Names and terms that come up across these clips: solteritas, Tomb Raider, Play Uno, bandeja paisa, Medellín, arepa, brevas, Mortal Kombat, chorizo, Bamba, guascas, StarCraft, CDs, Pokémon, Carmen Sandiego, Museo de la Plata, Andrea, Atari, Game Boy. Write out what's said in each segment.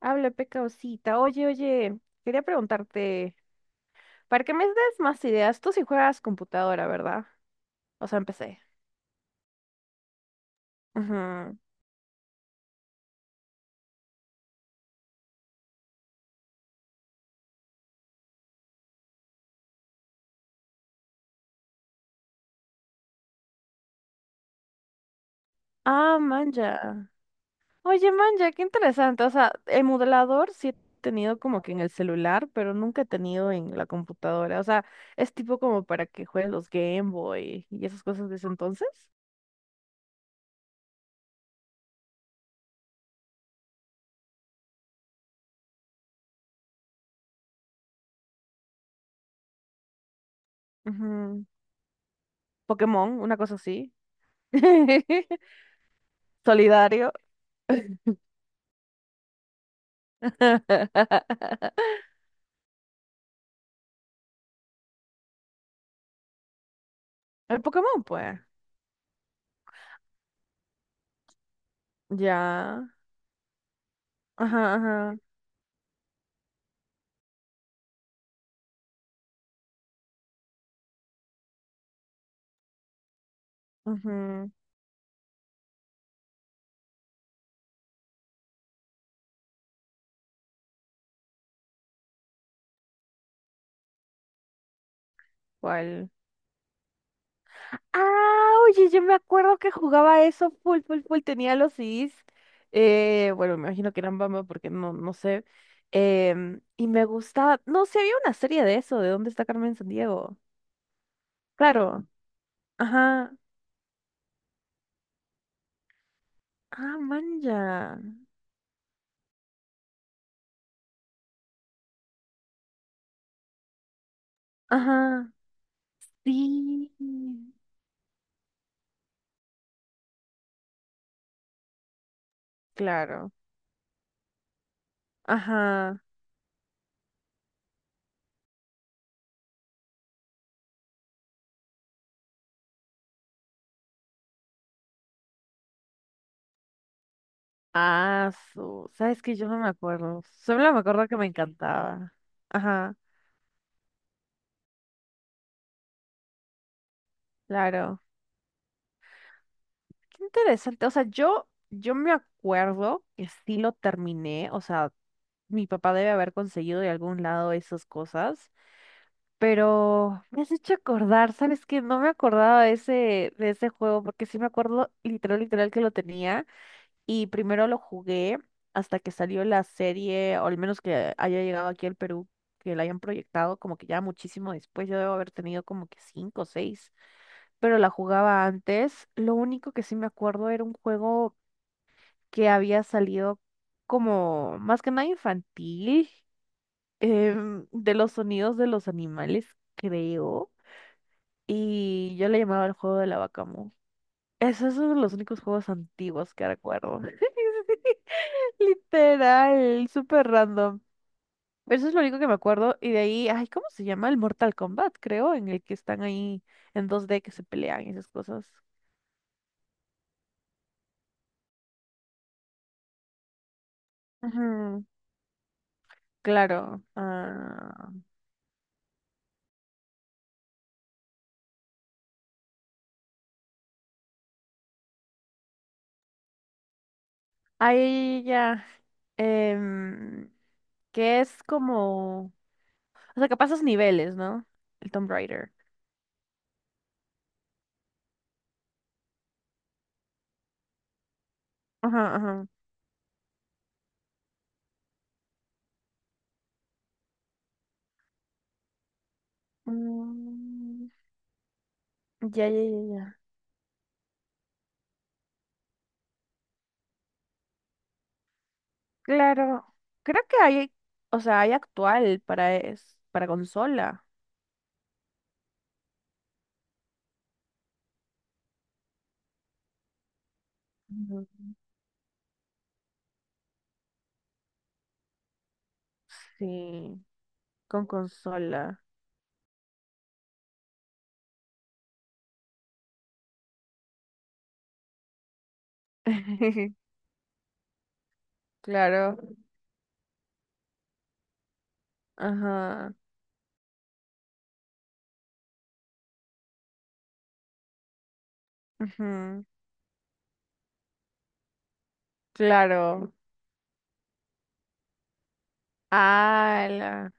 Habla, pecaosita. Oye, oye, quería preguntarte, para que me des más ideas, tú sí juegas computadora, ¿verdad? O sea, empecé. Ajá. Ah, manja. Oye, manja, qué interesante. O sea, el modelador sí he tenido como que en el celular, pero nunca he tenido en la computadora. O sea, es tipo como para que juegues los Game Boy y esas cosas de ese entonces. Ujú. Pokémon, una cosa así. Solidario. El Pokémon, pues. Ya. Ajá, ajá, ajá. ¿Cuál? Ah, oye, yo me acuerdo que jugaba eso full, full, full. Tenía los CDs. Bueno, me imagino que eran Bamba porque no, no sé. Y me gustaba. No sé, había una serie de eso, de dónde está Carmen Sandiego. Claro. Ajá. Ah, manja. Ajá. Sí. Claro. Ajá. Ah, su. ¿Sabes que yo no me acuerdo? Solo me acuerdo que me encantaba. Ajá. Claro. Qué interesante. O sea, yo me acuerdo que sí lo terminé. O sea, mi papá debe haber conseguido de algún lado esas cosas. Pero me has hecho acordar, ¿sabes qué? No me acordaba de ese juego, porque sí me acuerdo literal, literal que lo tenía. Y primero lo jugué hasta que salió la serie, o al menos que haya llegado aquí al Perú, que la hayan proyectado, como que ya muchísimo después. Yo debo haber tenido como que cinco o seis, pero la jugaba antes. Lo único que sí me acuerdo era un juego que había salido como más que nada infantil, de los sonidos de los animales, creo. Y yo le llamaba el juego de la vaca mu. Ese es uno de los únicos juegos antiguos que recuerdo. Literal, súper random. Pero eso es lo único que me acuerdo. Y de ahí, ay, ¿cómo se llama? El Mortal Kombat, creo, en el que están ahí en dos d que se pelean y esas cosas. Ujú, claro. Ah, ahí ya. Em, que es como, o sea, que pasas niveles, ¿no? El Tomb Raider. Ajá, ajá. Mm, ya, ya, ya, ya. Claro, creo que hay, o sea, hay actual para consola. Ujú. Sí, con consola. Claro. Ajá. Ujú, claro. Ala.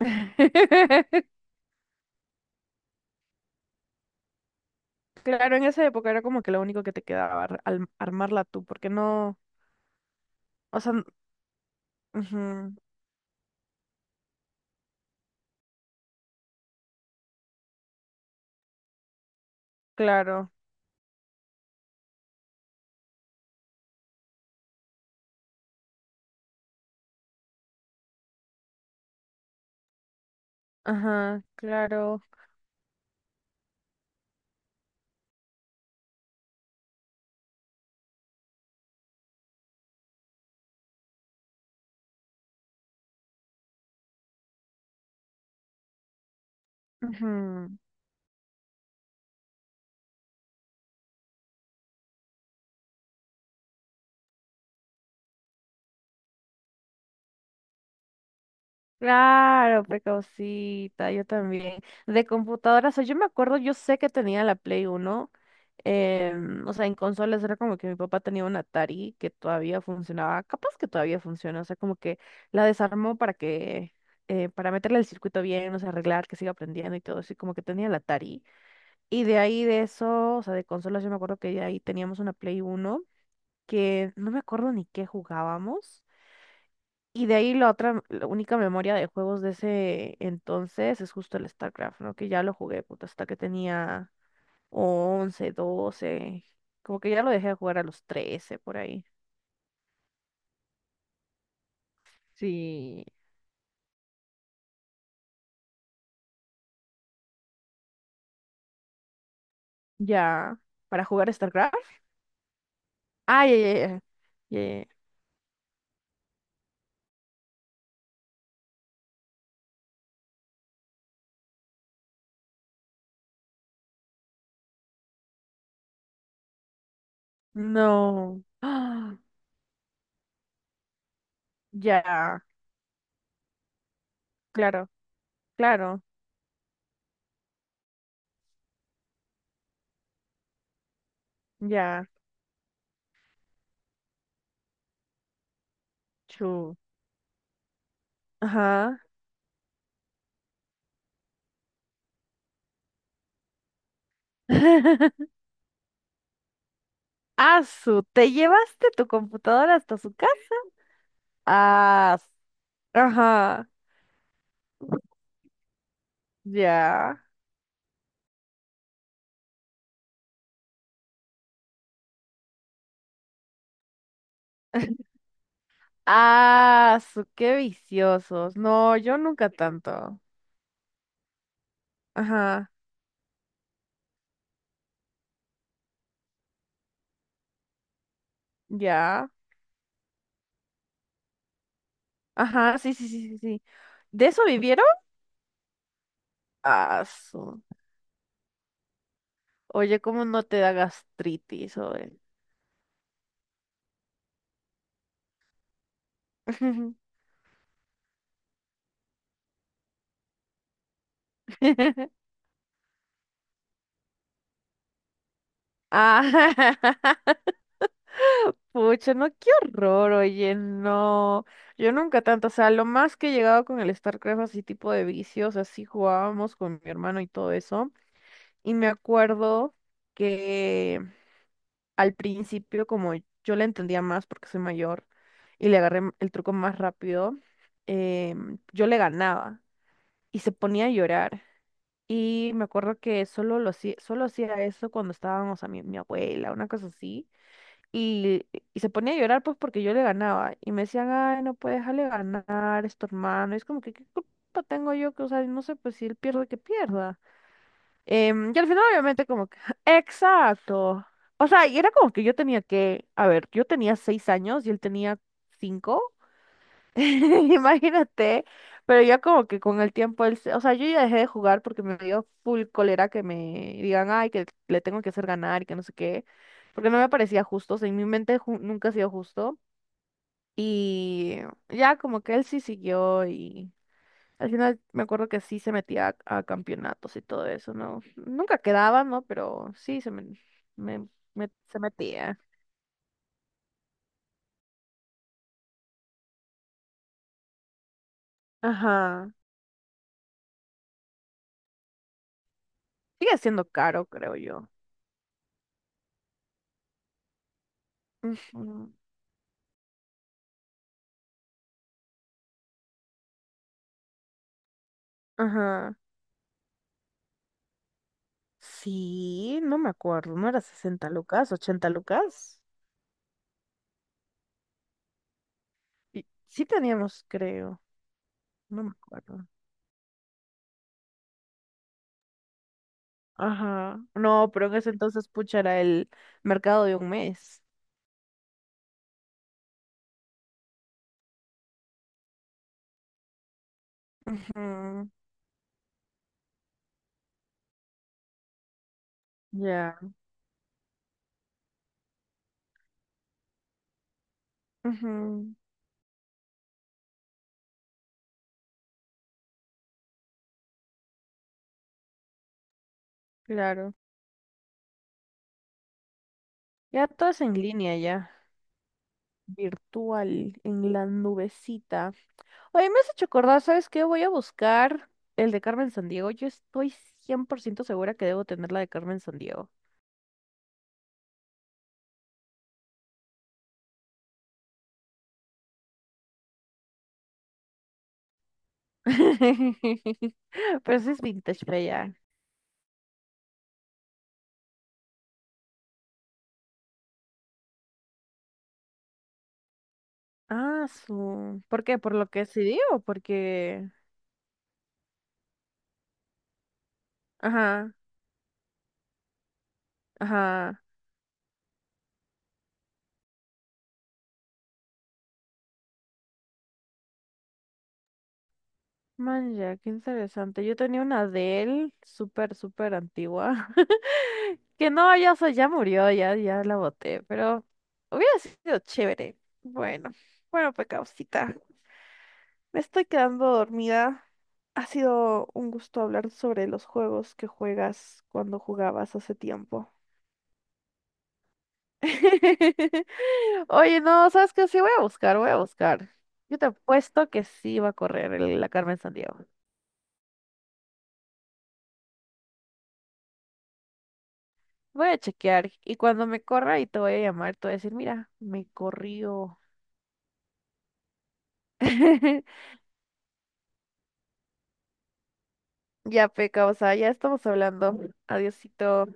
Claro, en esa época era como que lo único que te quedaba, armarla tú, porque no, o sea, ujú. Claro, ajá, claro. Ujú. Claro, pecausita, yo también. De computadoras, o sea, yo me acuerdo, yo sé que tenía la Play Uno, o sea, en consolas era como que mi papá tenía un Atari que todavía funcionaba, capaz que todavía funciona, o sea, como que la desarmó para que, para meterle el circuito bien, o sea, arreglar, que siga aprendiendo y todo eso, y como que tenía el Atari. Y de ahí de eso, o sea, de consolas, yo me acuerdo que de ahí teníamos una Play Uno que no me acuerdo ni qué jugábamos. Y de ahí la otra, la única memoria de juegos de ese entonces es justo el StarCraft, ¿no? Que ya lo jugué, puta, hasta que tenía 11, 12. Como que ya lo dejé de jugar a los 13 por ahí. Sí. Ya. ¿Para jugar StarCraft? Ah, ya, ya, ya. Ya, ya, ya. No. Ah, ya. Claro, claro. Ya. Chu. Ajá. Asu, ¿te llevaste tu computadora hasta su casa? Ah, ajá. Ya. Ah, su, qué viciosos. No, yo nunca tanto. Ajá, ya. Ajá, sí, sí, sí, sí, sí. ¿De eso vivieron? Ah, su. Oye, ¿cómo no te da gastritis, oye? Ah, pucha, no, qué horror, oye, no. Yo nunca tanto, o sea, lo más que he llegado con el StarCraft, así tipo de vicios, así jugábamos con mi hermano y todo eso. Y me acuerdo que al principio, como yo le entendía más porque soy mayor y le agarré el truco más rápido, yo le ganaba y se ponía a llorar. Y me acuerdo que solo lo hacía, solo hacía eso cuando estábamos a mi abuela, una cosa así. Y, y se ponía a llorar pues porque yo le ganaba. Y me decían, ay, no puedes dejarle ganar, es tu hermano. Y es como que, ¿qué culpa tengo yo? Que, o sea, no sé, pues si él pierde, que pierda. Y al final, obviamente, como que, exacto. O sea, y era como que yo tenía que, a ver, yo tenía 6 años y él tenía 5, imagínate, pero ya como que con el tiempo, o sea, yo ya dejé de jugar porque me dio full cólera que me digan, ay, que le tengo que hacer ganar y que no sé qué, porque no me parecía justo, o sea, en mi mente nunca ha sido justo. Y ya como que él sí siguió, al final me acuerdo que sí se metía a campeonatos y todo eso, ¿no? Nunca quedaba, ¿no? Pero sí se me, me- me- se metía. Ajá. Sigue siendo caro, creo yo. Ujú. Ajá. Sí, no me acuerdo, ¿no era 60 lucas, 80 lucas? Y sí teníamos, creo. No me acuerdo. Ajá. No, pero en ese entonces, pucha, era el mercado de un mes. Ujú. Ya. Ujú, claro. Ya todo es en línea ya. Virtual en la nubecita. Oye, me has hecho acordar, ¿sabes qué? Voy a buscar el de Carmen Sandiego. Yo estoy 100% segura que debo tener la de Carmen Sandiego. Pero sí es vintage bella. Ah, su. ¿Por qué? ¿Por lo que se dio? Porque. Ajá, ajá. Manja, qué interesante. Yo tenía una de él súper, súper antigua. Que no, ya, o sea, ya murió, ya, ya la boté, pero hubiera sido chévere. Bueno, bueno, pues Causita, me estoy quedando dormida. Ha sido un gusto hablar sobre los juegos que juegas cuando jugabas hace tiempo. Oye, no, ¿sabes qué? Sí, voy a buscar, voy a buscar. Yo te apuesto que sí va a correr la Carmen Sandiego. Voy a chequear y cuando me corra y te voy a llamar, te voy a decir, mira, me corrió. Ya, Peca, o sea, ya estamos hablando. Adiosito.